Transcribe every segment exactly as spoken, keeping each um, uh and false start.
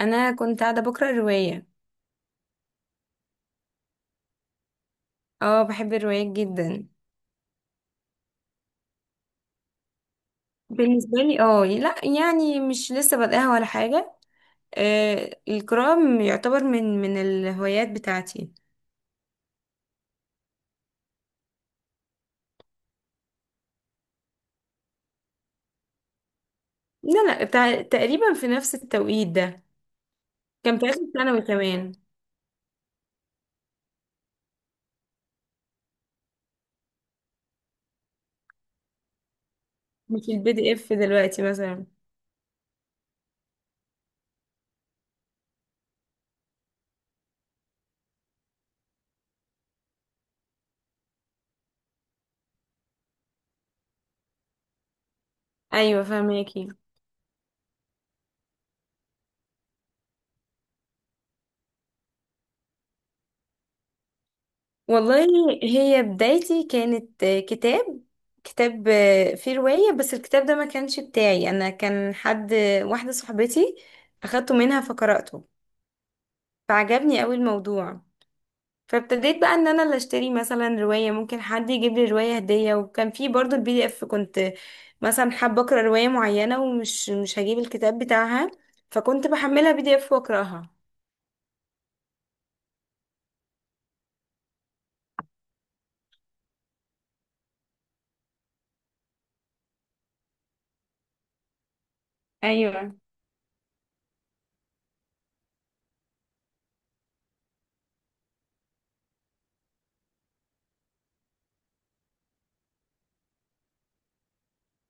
انا كنت قاعده بقرا روايه. اه، بحب الروايات جدا. بالنسبه لي اه لا، يعني مش لسه بادئها ولا حاجه. آه، القراءه م- يعتبر من من الهوايات بتاعتي. لا لا، بتاع تقريبا في نفس التوقيت ده، كان في اخر ثانوي كمان. مش البي دي اف دلوقتي مثلا؟ ايوه، فهماكي. والله، هي بدايتي كانت آه، كتاب، كتاب آه، فيه روايه. بس الكتاب ده ما كانش بتاعي انا، كان حد، واحده صاحبتي، اخدته منها فقرأته، فعجبني قوي الموضوع. فابتديت بقى ان انا اللي اشتري مثلا رواية، ممكن حد يجيب لي رواية هدية. وكان في برضو البي دي اف، كنت مثلا حابة اقرا رواية معينة ومش مش هجيب الكتاب بتاعها، فكنت بحملها بي دي اف واقراها. ايوه،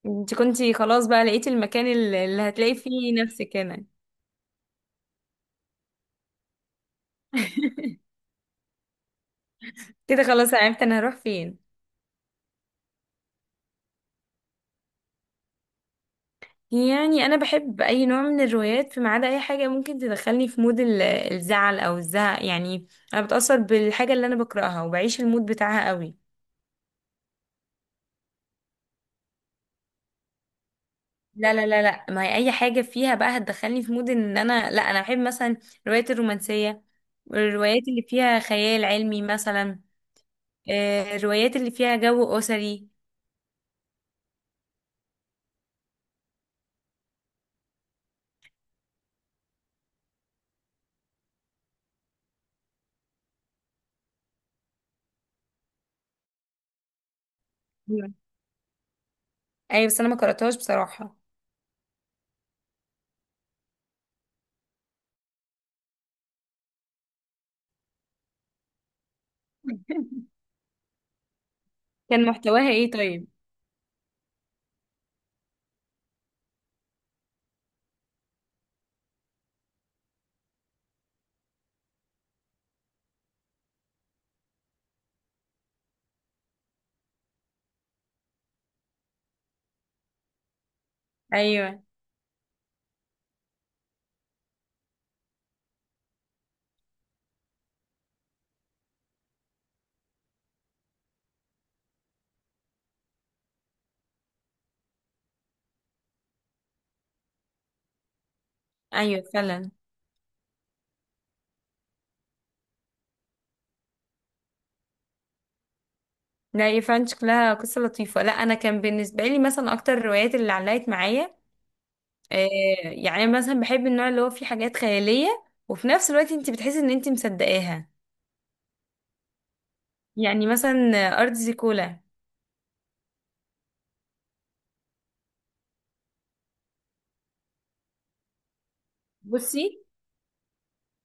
انت كنتي خلاص بقى لقيتي المكان اللي اللي هتلاقي فيه نفسك هنا. كده خلاص، عرفت انا هروح فين. يعني انا بحب اي نوع من الروايات، فما عدا اي حاجه ممكن تدخلني في مود ال- الزعل او الزهق يعني. انا بتاثر بالحاجه اللي انا بقراها وبعيش المود بتاعها قوي. لا لا لا لا، ما هي اي حاجه فيها بقى هتدخلني في مود ان انا لا. انا بحب مثلا الروايات الرومانسيه، الروايات اللي فيها خيال علمي مثلا، آه، الروايات اللي فيها جو اسري. ايوه. أيوة، بس انا ما قراتهاش بصراحه. كان محتواها ايه طيب؟ ايوه ايوه، فعلا. لا يا فعلا، شكلها قصة لطيفة. لا، أنا كان بالنسبة لي مثلا أكتر الروايات اللي علقت معايا، آه، يعني أنا مثلا بحب النوع اللي هو فيه حاجات خيالية وفي نفس الوقت أنت بتحسي إن أنت مصدقاها. يعني مثلا آه، أرض زيكولا. بصي،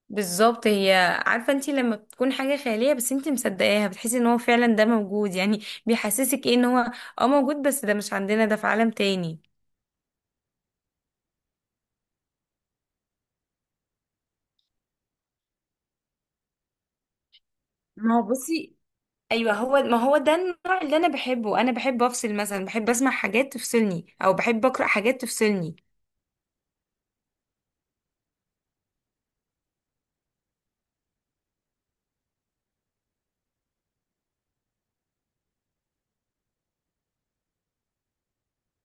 بالظبط هي. عارفة أنت لما بتكون حاجة خيالية بس أنت مصدقاها، بتحسي إن هو فعلا ده موجود يعني. بيحسسك إيه إن هو أه موجود، بس ده مش عندنا، ده في عالم تاني. ما هو بصي، ايوه هو، ما هو ده النوع اللي انا بحبه. انا بحب افصل، مثلا بحب اسمع حاجات تفصلني او بحب اقرا حاجات تفصلني.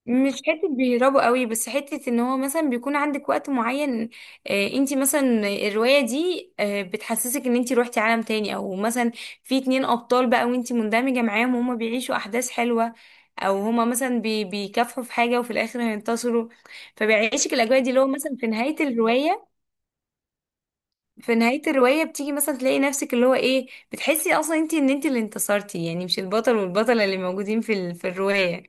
مش حته بيهربوا قوي، بس حته ان هو مثلا بيكون عندك وقت معين، آه انت مثلا الروايه دي آه بتحسسك ان انت روحتي عالم تاني، او مثلا في اتنين ابطال بقى وانت مندمجه معاهم وهما بيعيشوا احداث حلوه، او هما مثلا بي بيكافحوا في حاجه وفي الاخر هينتصروا. فبيعيشك الاجواء دي، اللي هو مثلا في نهايه الروايه، في نهاية الرواية بتيجي مثلا تلاقي نفسك، اللي هو ايه، بتحسي اصلا انت ان انت اللي انتصرتي، يعني مش البطل والبطلة اللي موجودين في ال... في الرواية.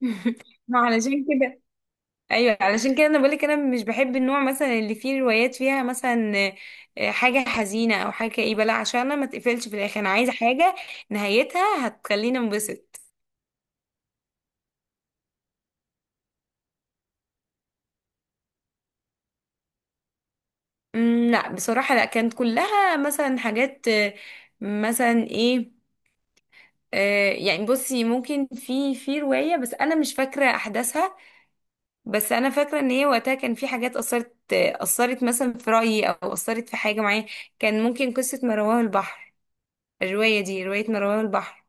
ما علشان كده. ايوه، علشان كده انا بقولك انا مش بحب النوع مثلا اللي فيه روايات فيها مثلا آه، حاجة حزينة او حاجة كئيبة، لا عشان انا ما تقفلش في الاخر، انا عايزة حاجة نهايتها هتخليني انبسط. أمم، لا بصراحة، لا كانت كلها مثلا حاجات آه، مثلا ايه، آه، يعني بصي ممكن في في رواية بس انا مش فاكرة احداثها. بس انا فاكره ان هي وقتها كان في حاجات اثرت اثرت مثلا في رايي، او اثرت في حاجه معايا. كان ممكن قصه ما رواه البحر، الروايه دي روايه ما رواه البحر.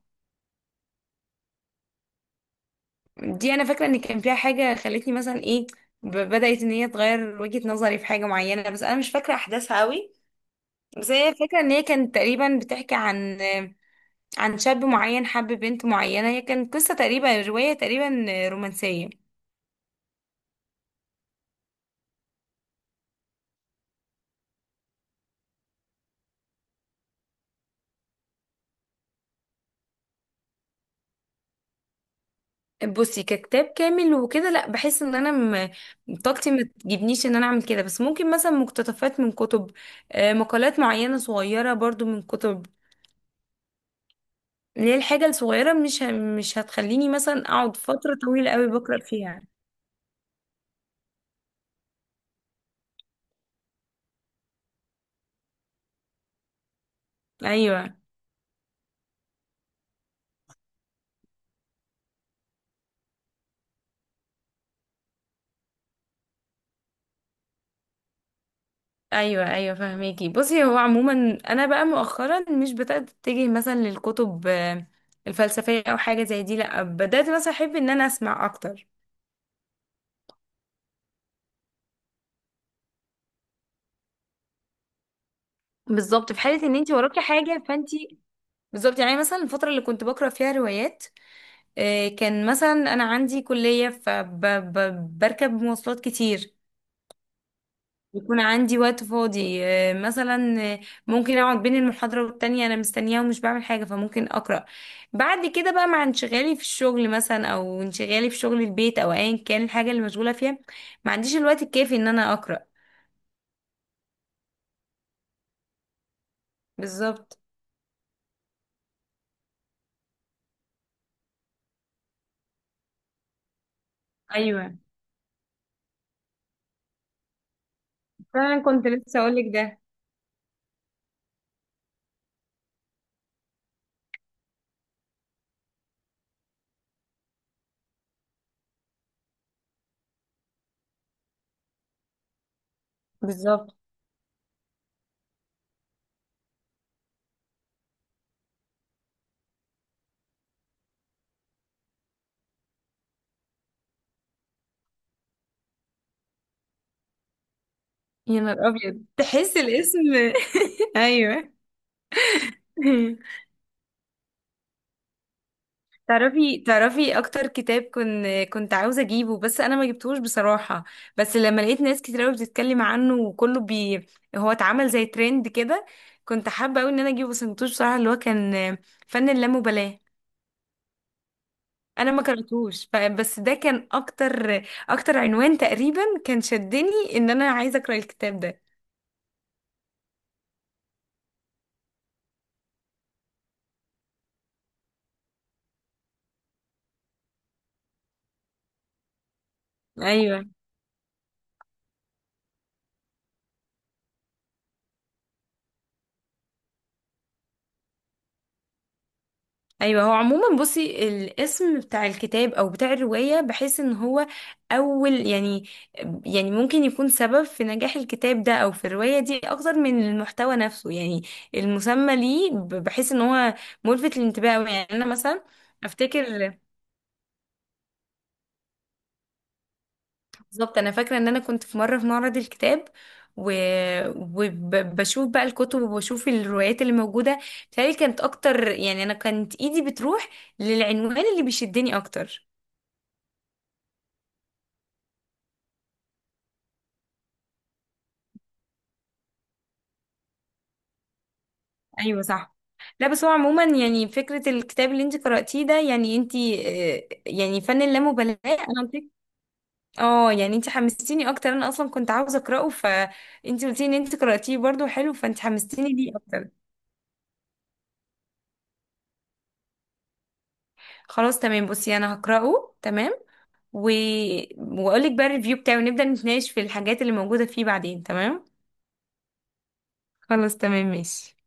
دي انا فاكره ان كان فيها حاجه خلتني مثلا ايه، ب- بدات ان هي تغير وجهه نظري في حاجه معينه، بس انا مش فاكره احداثها قوي. بس هي فاكره ان هي كانت تقريبا بتحكي عن عن شاب معين حب بنت معينه. هي كانت قصه تقريبا، روايه تقريبا رومانسيه. بصي، ككتاب كامل وكده لا، بحس ان انا م... طاقتي ما تجيبنيش ان انا اعمل كده، بس ممكن مثلا مقتطفات من كتب، آه، مقالات معينة صغيرة برضو من كتب، اللي هي الحاجة الصغيرة مش ه... مش هتخليني مثلا اقعد فترة طويلة قوي بقرأ فيها. ايوه. ايوه ايوه، فهميكي. بصي هو عموما انا بقى مؤخرا مش بدأت اتجه مثلا للكتب آه، الفلسفية او حاجة زي دي، لا بدأت مثلا احب ان انا اسمع اكتر. بالظبط، في حالة ان انت وراكي حاجة فانت. بالظبط، يعني مثلا الفترة اللي كنت بقرأ فيها روايات، آه، كان مثلا أنا عندي كلية فبركب مواصلات كتير، يكون عندي وقت فاضي، آه، مثلا آه، ممكن أقعد بين المحاضرة والتانية أنا مستنية ومش بعمل حاجة فممكن أقرأ. بعد كده بقى مع انشغالي في الشغل مثلا، أو انشغالي في شغل البيت، أو أيا كان الحاجة اللي مشغولة فيها، ما عنديش الوقت الكافي إن أنا أقرأ. بالظبط. أيوه فعلا، كنت لسه أقولك ده. بالظبط. يا نهار أبيض، تحس الاسم. أيوه. تعرفي تعرفي اكتر كتاب كنت كنت عاوزه اجيبه، بس انا ما جبتهوش بصراحه. بس لما لقيت ناس كتير قوي بتتكلم عنه وكله بي هو اتعمل زي ترند كده، كنت حابه قوي ان انا اجيبه بس ما جبتهوش بصراحه، اللي هو كان فن اللامبالاه. انا ما قرأتهوش ف- بس ده كان اكتر اكتر عنوان تقريبا كان شدني ان انا عايزه اقرا الكتاب ده. ايوه ايوه، هو عموما بصي الاسم بتاع الكتاب او بتاع الروايه بحيث ان هو اول يعني يعني ممكن يكون سبب في نجاح الكتاب ده او في الروايه دي اكتر من المحتوى نفسه يعني. المسمى ليه، ب- بحيث ان هو ملفت للانتباه أوي. يعني انا مثلا افتكر، بالظبط انا فاكره ان انا كنت في مره في معرض الكتاب، وبشوف بقى الكتب وبشوف الروايات اللي موجوده، بتهيألي كانت اكتر. يعني انا كانت ايدي بتروح للعنوان اللي بيشدني اكتر. ايوه صح. لا بس هو عموما يعني فكرة الكتاب اللي انت قرأتيه ده، يعني انت آه، يعني فن اللامبالاة انا قلت لك- اه يعني انت حمستيني اكتر. انا اصلا كنت عاوزة اقرأه، فانت قلتي ان انت قرأتيه برضو حلو، فانت حمستيني ليه اكتر. خلاص تمام، بصي انا هقرأه تمام. و... واقول لك بقى الريفيو بتاعه ونبدأ نتناقش في الحاجات اللي موجودة فيه بعدين تمام. خلاص تمام، ماشي.